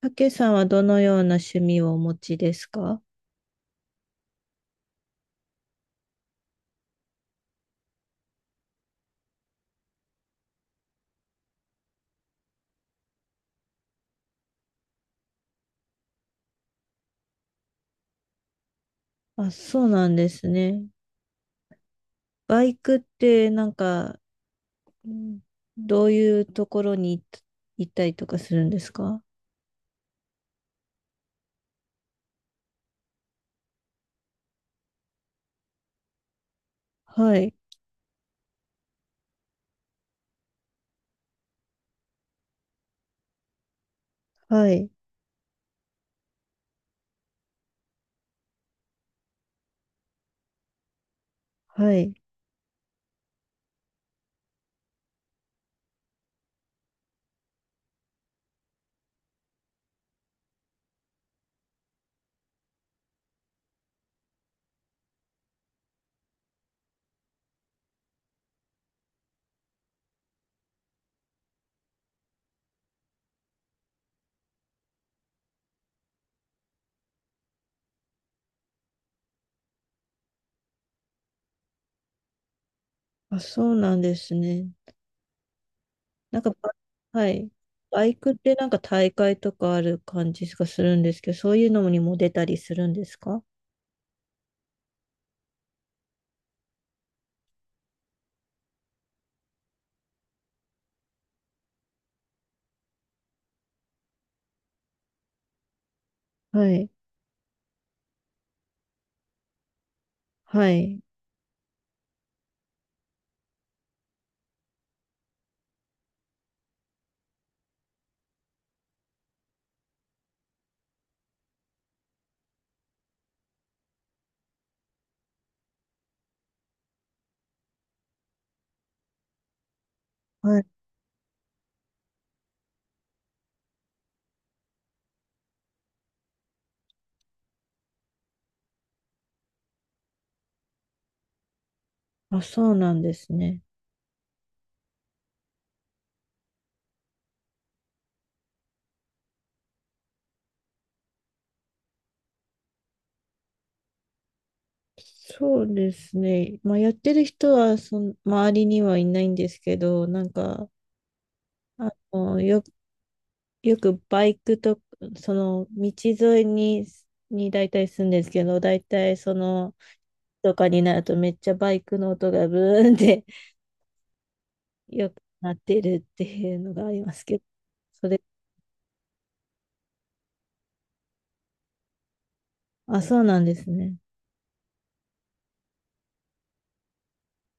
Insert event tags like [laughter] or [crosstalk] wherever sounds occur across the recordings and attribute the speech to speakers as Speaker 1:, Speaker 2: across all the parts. Speaker 1: たけさんはどのような趣味をお持ちですか？あ、そうなんですね。バイクってなんか、うん、どういうところに行っ行ったりとかするんですか？はい、はい、はい。あ、そうなんですね。なんかバ、はい。バイクってなんか大会とかある感じがするんですけど、そういうのにも出たりするんですか？はい、はい、はい。あ、そうなんですね。そうですね。まあ、やってる人はその、周りにはいないんですけど、なんか、あの、よ、よくバイクと、その、道沿いに、に大体住んでるんですけど、大体その、とかになるとめっちゃバイクの音がブーンって [laughs] よくなってるっていうのがありますけど、それ、あ、そうなんですね。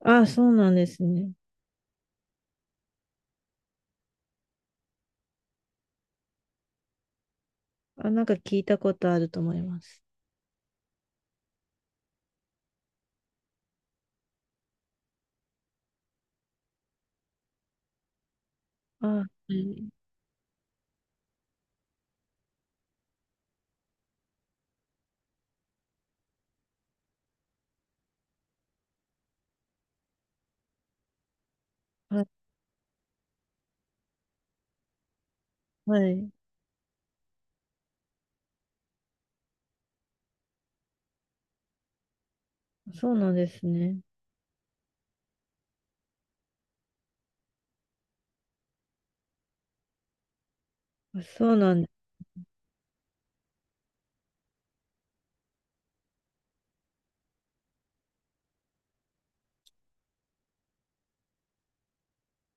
Speaker 1: あ、そうなんですね。あ、なんか聞いたことあると思います。あ、はい。あ、はい。そうなんですね。あそうなん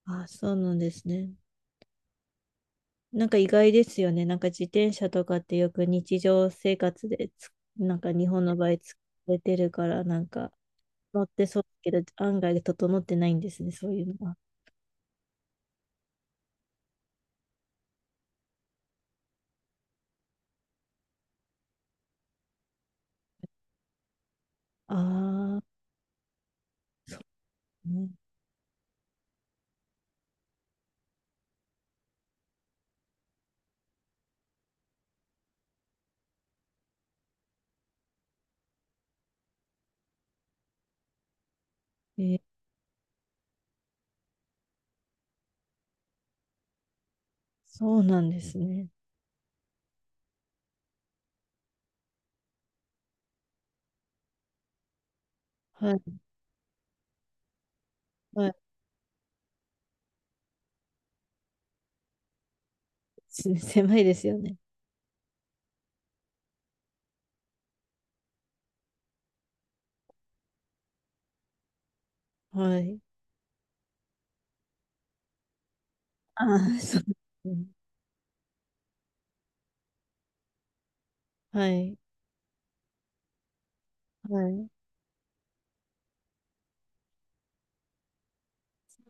Speaker 1: あ、そうなんですね。なんか意外ですよね。なんか自転車とかってよく日常生活でつ、なんか日本の場合使れてるから、なんか乗ってそうだけど、案外整ってないんですね、そういうのは。ああ、ね、えー、そうなんですね。はい、はい。す [laughs] 狭いですよね。はい。ああ、そう。[laughs] うん、はい、はい。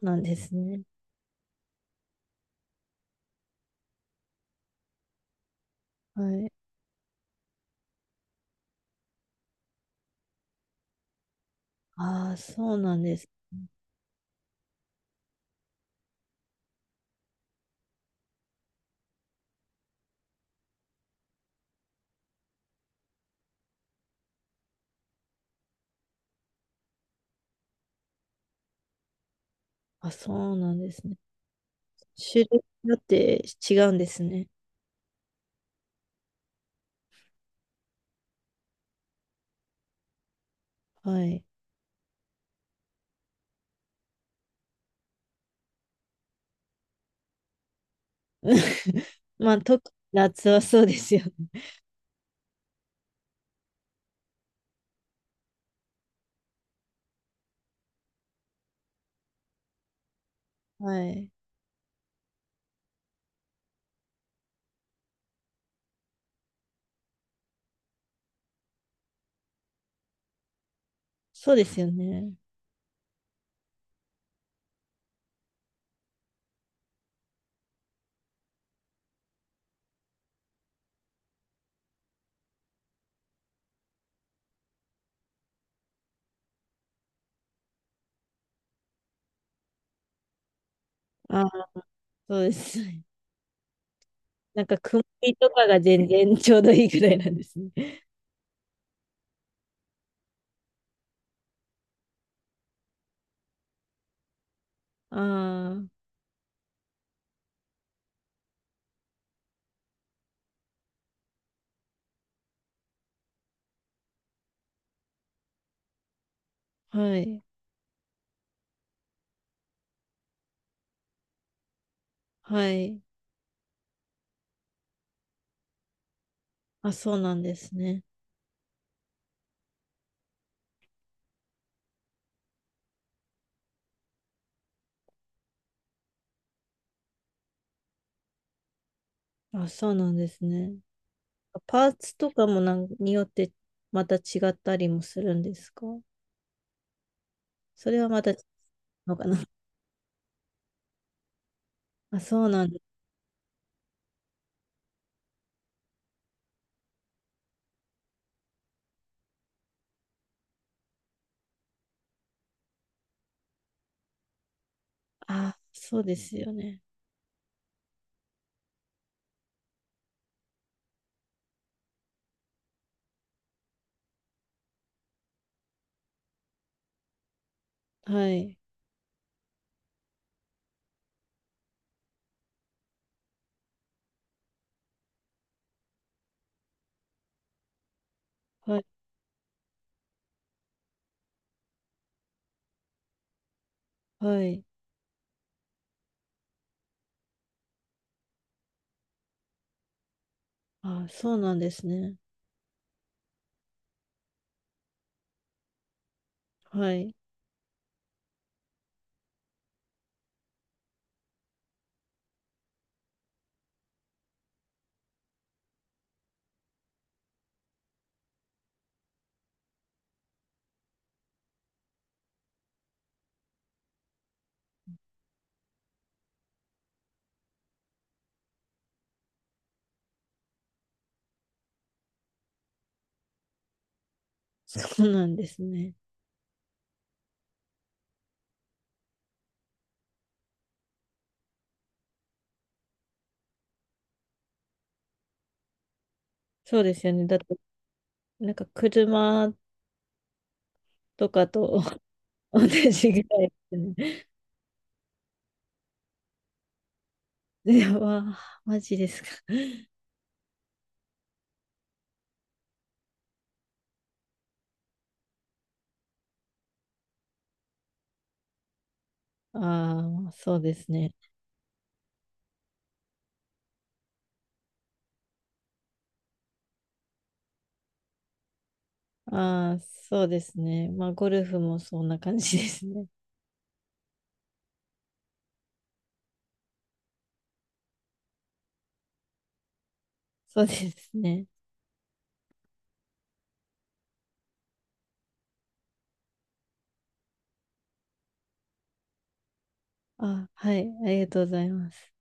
Speaker 1: なんですね。はい。ああ、そうなんです。あ、そうなんですね。種類によって違うんですね。はい。[laughs] まあ、特に夏はそうですよね。はい。そうですよね。ああ、そうです。[laughs] なんか曇りとかが全然ちょうどいいぐらいなんですね。[laughs] ああ、はい。はい。あ、そうなんですね。あ、そうなんですね。パーツとかもなんによってまた違ったりもするんですか？それはまた違うのかな [laughs] あ、そうなんだ。あ、そうですよね。はい。はい。はい。あ、そうなんですね。はい。そうなんですね。そうですよね。だって、なんか車とかと [laughs] 同じぐらいですね。いや、わあ、マジですか。[laughs] ああ、そうですね。ああ、そうですね。まあ、ゴルフもそんな感じですね。そうですね。あ、はい、ありがとうございます。